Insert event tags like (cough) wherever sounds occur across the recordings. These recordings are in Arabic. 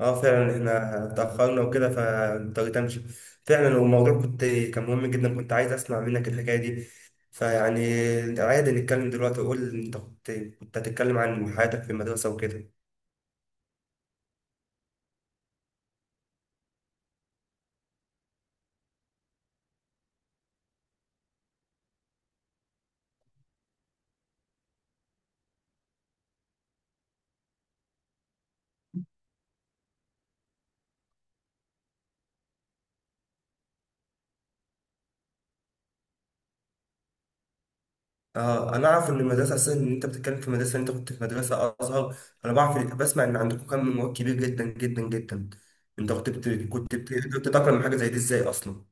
اه فعلا احنا اتأخرنا وكده فاضطريت امشي. فعلا الموضوع كان مهم جدا، كنت عايز اسمع منك الحكاية دي. فيعني عادي نتكلم دلوقتي، قول انت كنت هتتكلم عن حياتك في المدرسة وكده. اه انا اعرف ان المدرسة اصلا ان انت بتتكلم في مدرسة، انت كنت في مدرسة ازهر، انا بعرف، بسمع ان عندكم كم من مواد كبير جدا جدا جدا. انت كنت تتأقلم مع حاجة زي دي ازاي اصلا؟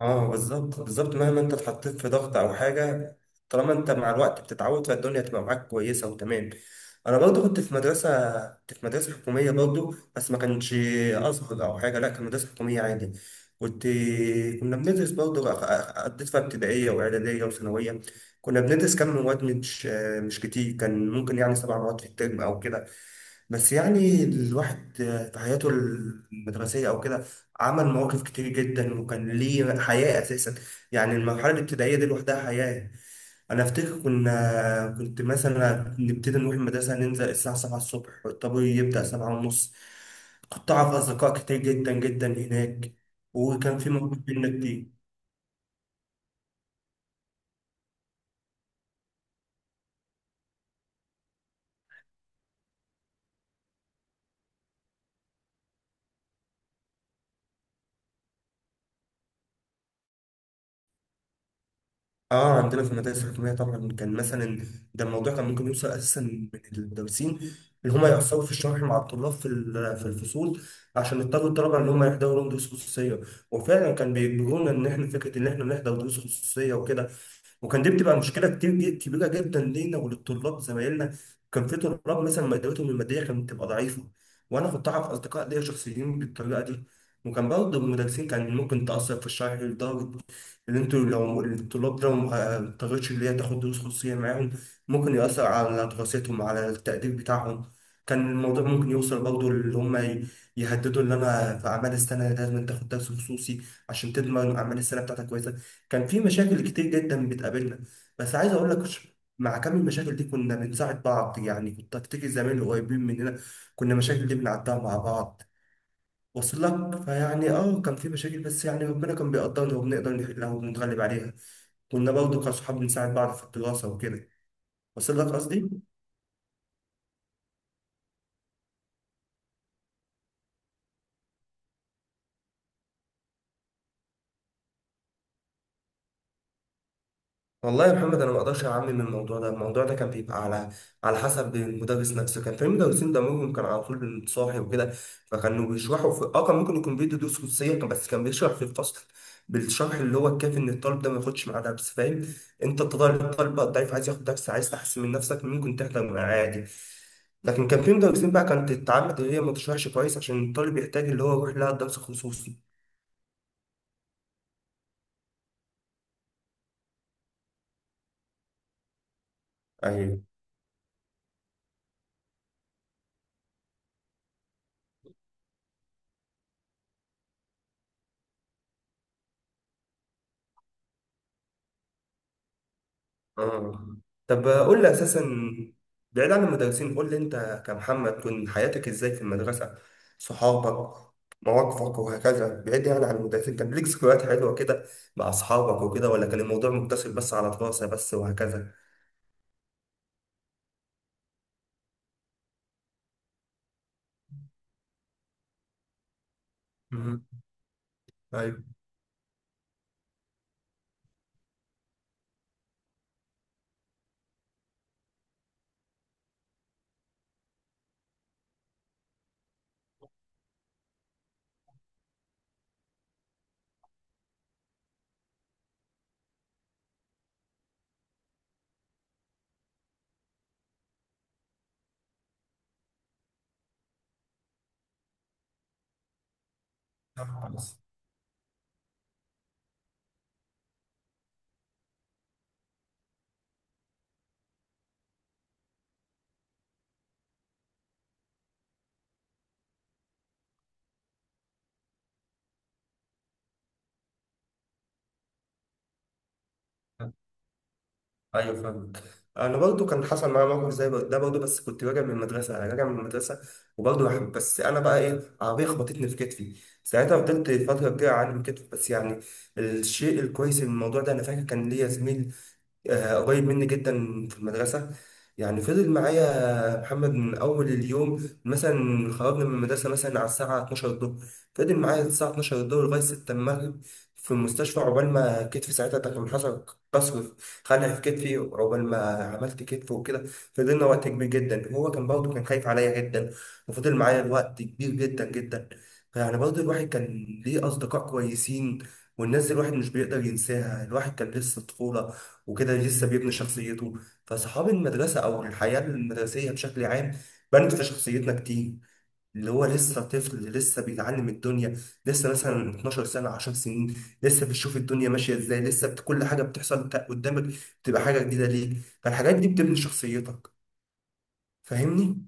اه بالظبط بالظبط، مهما انت اتحطيت في ضغط او حاجه، طالما انت مع الوقت بتتعود، فالدنيا تبقى معاك كويسه وتمام. انا برضو كنت في مدرسه حكوميه برضو، بس ما كانش ازهر او حاجه، لا كان مدرسه حكوميه عادي. كنت كنا بندرس برضو قضيت فيها ابتدائيه واعداديه وثانويه. كنا بندرس كم مواد، مش كتير، كان ممكن يعني سبع مواد في الترم او كده. بس يعني الواحد في حياته المدرسية أو كده عمل مواقف كتير جدا، وكان ليه حياة أساسا. يعني المرحلة الابتدائية دي لوحدها حياة. أنا أفتكر كنت مثلا نبتدي نروح المدرسة، ننزل الساعة 7 الصبح، والطابور يبدأ 7:30. كنت أعرف أصدقاء كتير جدا جدا هناك، وكان في مواقف بينا كتير. اه عندنا في المدارس الحكوميه طبعا كان مثلا، ده الموضوع كان ممكن يوصل اساسا من المدرسين اللي هم يأثروا في الشرح مع الطلاب في في الفصول، عشان يضطروا الطلبه ان هم يحضروا لهم دروس خصوصيه. وفعلا كان بيجبرونا ان احنا فكره ان احنا نحضر دروس خصوصيه وكده. وكان دي بتبقى مشكله كتير كبيره جدا لينا وللطلاب زمايلنا. كان في طلاب مثلا مادتهم الماديه كانت بتبقى ضعيفه، وانا كنت اعرف اصدقاء ليا شخصيين بالطريقه دي. وكان برضه المدرسين كان ممكن تاثر في الشرح، لدرجه ان انتوا لو الطلاب ده ما اضطرتش اللي هي تاخد دروس خصوصيه معاهم، ممكن ياثر على دراستهم، على التقدير بتاعهم. كان الموضوع ممكن يوصل برضه اللي هم يهددوا ان انا في اعمال السنه لازم تاخد درس خصوصي عشان تضمن اعمال السنه بتاعتك كويسه. كان في مشاكل كتير جدا بتقابلنا. بس عايز اقول لك، مع كم المشاكل دي كنا بنساعد بعض، يعني كنت افتكر زمان اللي قريبين مننا، كنا المشاكل دي بنعدها مع بعض. وصل لك؟ فيعني كان في مشاكل، بس يعني ربنا كان بيقدرنا وبنقدر نحلها وبنتغلب عليها. كنا برضه كأصحاب بنساعد بعض في الدراسة وكده. وصل لك قصدي؟ والله يا محمد انا ما اقدرش اعمم من الموضوع ده، الموضوع ده كان بيبقى على حسب المدرس نفسه. كان في مدرسين دمهم كان على طول بالصاحي وكده، فكانوا بيشرحوا في، كان ممكن يكون بيدي دروس خصوصيه بس كان بيشرح في الفصل بالشرح اللي هو الكافي ان الطالب ده ما ياخدش معاه درس، فاهم؟ انت الطالب الضعيف عايز ياخد درس، عايز تحسن من نفسك، ممكن تحضر معاه عادي. لكن كان في مدرسين بقى كانت تتعمد ان هي ما تشرحش كويس عشان الطالب يحتاج اللي هو يروح لها الدرس الخصوصي. يعني اه طب قول لي اساسا، بعيد عن المدرسين، قول لي انت كمحمد كنت حياتك ازاي في المدرسه، صحابك، مواقفك وهكذا، بعيد يعني عن المدرسين، كان ليك ذكريات حلوه كده مع اصحابك وكده، ولا كان الموضوع مقتصر بس على دراسه بس وهكذا؟ امم. ايوه. خلاص. ايوه، فاهمك. انا برضو كان حصل معايا موقف زي ده برضو، بس كنت راجع من المدرسه، انا راجع من المدرسه وبرضو بس انا بقى ايه، عربيه خبطتني في كتفي. ساعتها فضلت فتره كبيره اعلم كتفي، بس يعني الشيء الكويس من الموضوع ده، انا فاكر كان ليا زميل قريب مني جدا في المدرسة، يعني فضل معايا محمد من أول اليوم. مثلا خرجنا من المدرسة مثلا على الساعة 12 الظهر، فضل معايا الساعة 12 الظهر لغاية 6 المغرب في المستشفى، عقبال ما كتفي ساعتها ده كان حصل كسر، خلع في كتفي، عقبال ما عملت كتف وكده. فضلنا وقت كبير جدا، وهو كان برضه كان خايف عليا جدا، وفضل معايا الوقت كبير جدا جدا. يعني برضه الواحد كان ليه أصدقاء كويسين، والناس دي الواحد مش بيقدر ينساها. الواحد كان لسه طفولة وكده، لسه بيبني شخصيته، فصحاب المدرسة أو الحياة المدرسية بشكل عام بنت في شخصيتنا كتير. اللي هو لسه طفل، لسه بيتعلم الدنيا، لسه مثلا 12 سنة، 10 سنين، لسه بتشوف الدنيا ماشية ازاي، لسه كل حاجة بتحصل قدامك بتبقى حاجة جديدة ليك، فالحاجات دي بتبني شخصيتك. فاهمني؟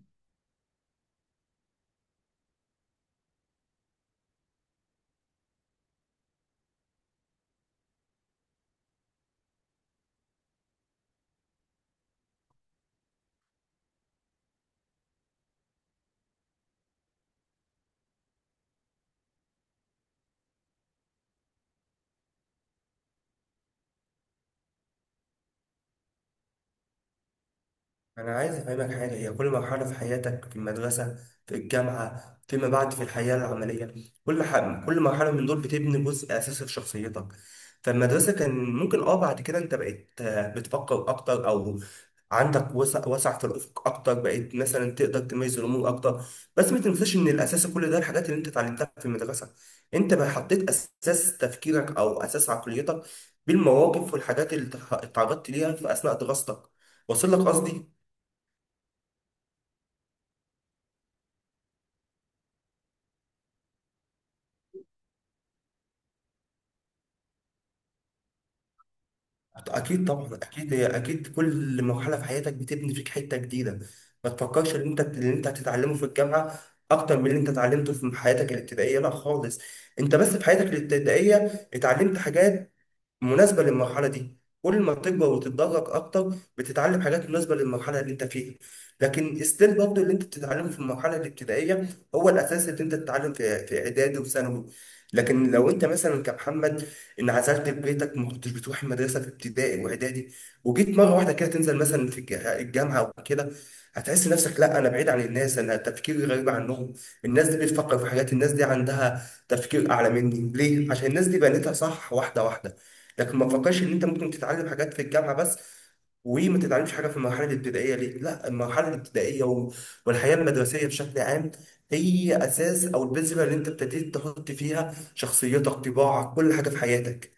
أنا عايز أفهمك حاجة، هي كل مرحلة في حياتك، في المدرسة، في الجامعة، فيما بعد في الحياة العملية، كل ح... كل مرحلة من دول بتبني جزء أساسي في شخصيتك. فالمدرسة كان ممكن بعد كده أنت بقيت بتفكر أكتر، أو عندك وسع وسع في الأفق أكتر، بقيت مثلا تقدر تميز الأمور أكتر. بس ما تنساش إن الأساس كل ده الحاجات اللي أنت اتعلمتها في المدرسة، أنت بقى حطيت أساس تفكيرك أو أساس عقليتك بالمواقف والحاجات اللي اتعرضت ليها في أثناء دراستك. وصل لك قصدي؟ اكيد طبعا، اكيد، هي اكيد كل مرحله في حياتك بتبني فيك حته جديده. ما تفكرش ان انت اللي انت هتتعلمه في الجامعه اكتر من اللي انت اتعلمته في حياتك الابتدائيه، لا خالص. انت بس في حياتك الابتدائيه اتعلمت حاجات مناسبة للمرحلة دي، كل ما بتكبر وتتدرج أكتر بتتعلم حاجات مناسبة للمرحلة اللي أنت فيها. لكن ستيل برضه اللي أنت بتتعلمه في المرحلة الابتدائية هو الأساس اللي أنت تتعلم في إعدادي وثانوي. لكن لو أنت مثلا كمحمد انعزلت في بيتك، ما كنتش بتروح المدرسة في ابتدائي وإعدادي، وجيت مرة واحدة كده تنزل مثلا في الجامعة أو كده، هتحس نفسك، لا، أنا بعيد عن الناس، أنا تفكيري غريب عنهم، الناس دي بتفكر في حاجات، الناس دي عندها تفكير أعلى مني، ليه؟ عشان الناس دي بنيتها صح واحدة واحدة. لكن ما تفكرش ان انت ممكن تتعلم حاجات في الجامعه بس، وما تتعلمش حاجه في المرحله الابتدائيه، ليه؟ لا، المرحله الابتدائيه والحياه المدرسيه بشكل عام هي اساس، او البذره اللي انت ابتديت تحط فيها شخصيتك، طباعك، كل حاجه في حياتك.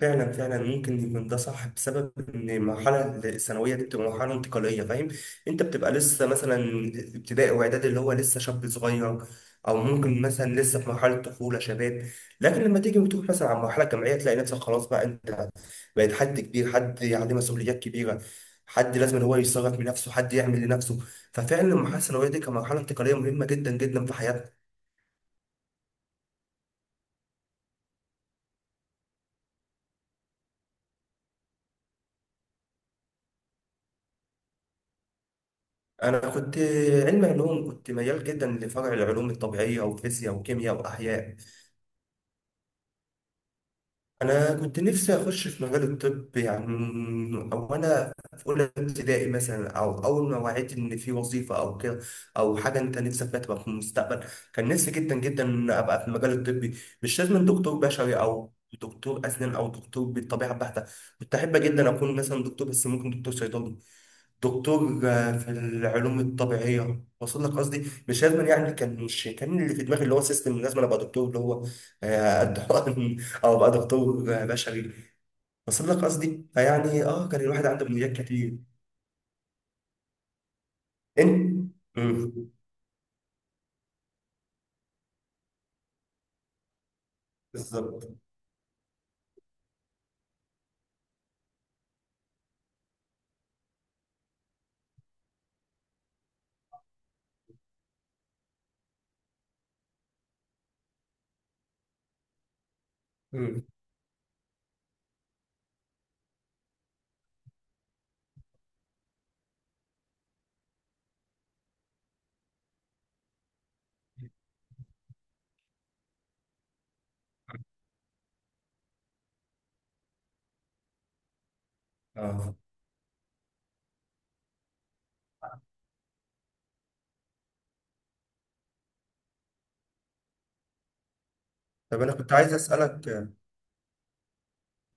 فعلا فعلا ممكن يكون ده صح، بسبب ان المرحله الثانويه دي بتبقى مرحله انتقاليه، فاهم؟ انت بتبقى لسه مثلا ابتدائي واعدادي اللي هو لسه شاب صغير، او ممكن مثلا لسه في مرحله طفوله، شباب. لكن لما تيجي وتروح مثلا على المرحله الجامعيه، تلاقي نفسك خلاص بقى انت بقيت حد كبير، حد عليه مسؤوليات كبيره، حد لازم إن هو يتصرف بنفسه، حد يعمل لنفسه. ففعلا المرحله الثانويه دي كمرحله انتقاليه مهمه جدا جدا في حياتنا. انا كنت علم علوم، كنت ميال جدا لفرع العلوم الطبيعيه، وفيزياء وكيمياء واحياء. انا كنت نفسي اخش في مجال الطب يعني، او انا في اولى ابتدائي مثلا، او اول ما وعيت ان في وظيفه او كده، او حاجه انت نفسك فيها تبقى في المستقبل، كان نفسي جدا جدا ان ابقى في المجال الطبي. مش لازم دكتور بشري، او دكتور اسنان، او دكتور بالطبيعه البحته، كنت احب جدا اكون مثلا دكتور، بس ممكن دكتور صيدله، دكتور في العلوم الطبيعيه. وصل لك قصدي؟ مش لازم يعني، مش كان اللي في دماغي اللي هو سيستم لازم انا ابقى دكتور اللي هو قد حقن (laughs) او ابقى دكتور بشري. وصل لك قصدي؟ فيعني كان الواحد عنده امنيات كتير. انت. مم. بالظبط. مم. اه. طب انا كنت عايز اسالك،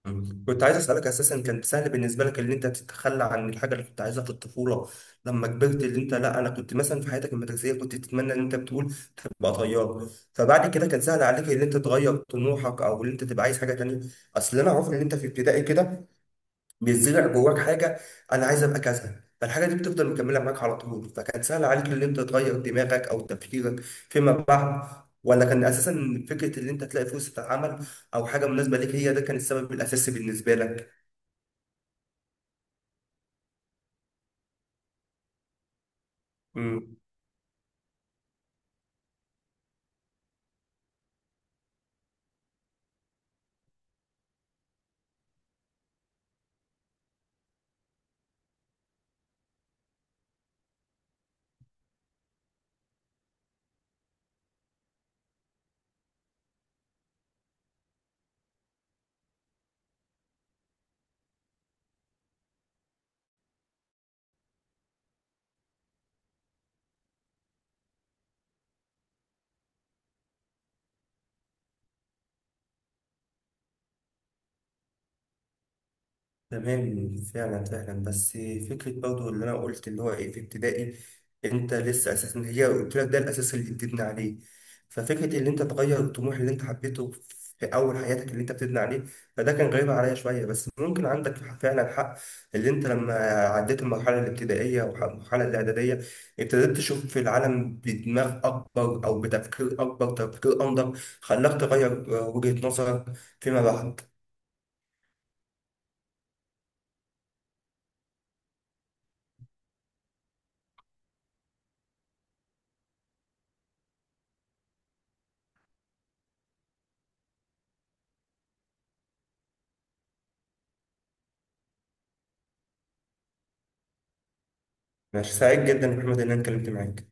كنت عايز اسالك اساسا، كان سهل بالنسبه لك ان انت تتخلى عن الحاجه اللي كنت عايزها في الطفوله لما كبرت؟ اللي انت، لا انا كنت مثلا، في حياتك المدرسيه كنت تتمنى ان انت بتقول تبقى طيار، فبعد كده كان سهل عليك ان انت تغير طموحك، او ان انت تبقى عايز حاجه تانيه؟ اصل انا عارف ان انت في ابتدائي كده بيزرع جواك حاجه، انا عايز ابقى كذا، فالحاجه دي بتفضل مكمله معاك على طول، فكان سهل عليك ان انت تغير دماغك او تفكيرك فيما بعد؟ ولا كان اساسا فكره ان انت تلاقي فرصه عمل او حاجه مناسبه ليك، هي ده كان السبب الاساسي بالنسبه لك؟ مم. تمام. فعلا فعلا، بس فكرة برضو اللي أنا قلت اللي هو إيه، في ابتدائي أنت لسه أساسا، هي قلت لك ده الأساس اللي بتبني عليه. ففكرة اللي أنت تغير الطموح اللي أنت حبيته في أول حياتك اللي أنت بتبني عليه، فده كان غريب عليا شوية، بس ممكن عندك فعلا حق، اللي أنت لما عديت المرحلة الابتدائية والمرحلة الإعدادية، ابتديت تشوف في العالم بدماغ أكبر أو بتفكير أكبر، تفكير أنضج، خلاك تغير وجهة نظرك فيما بعد. ماشي، سعيد جدا يا محمد إن أنا اتكلمت معاك.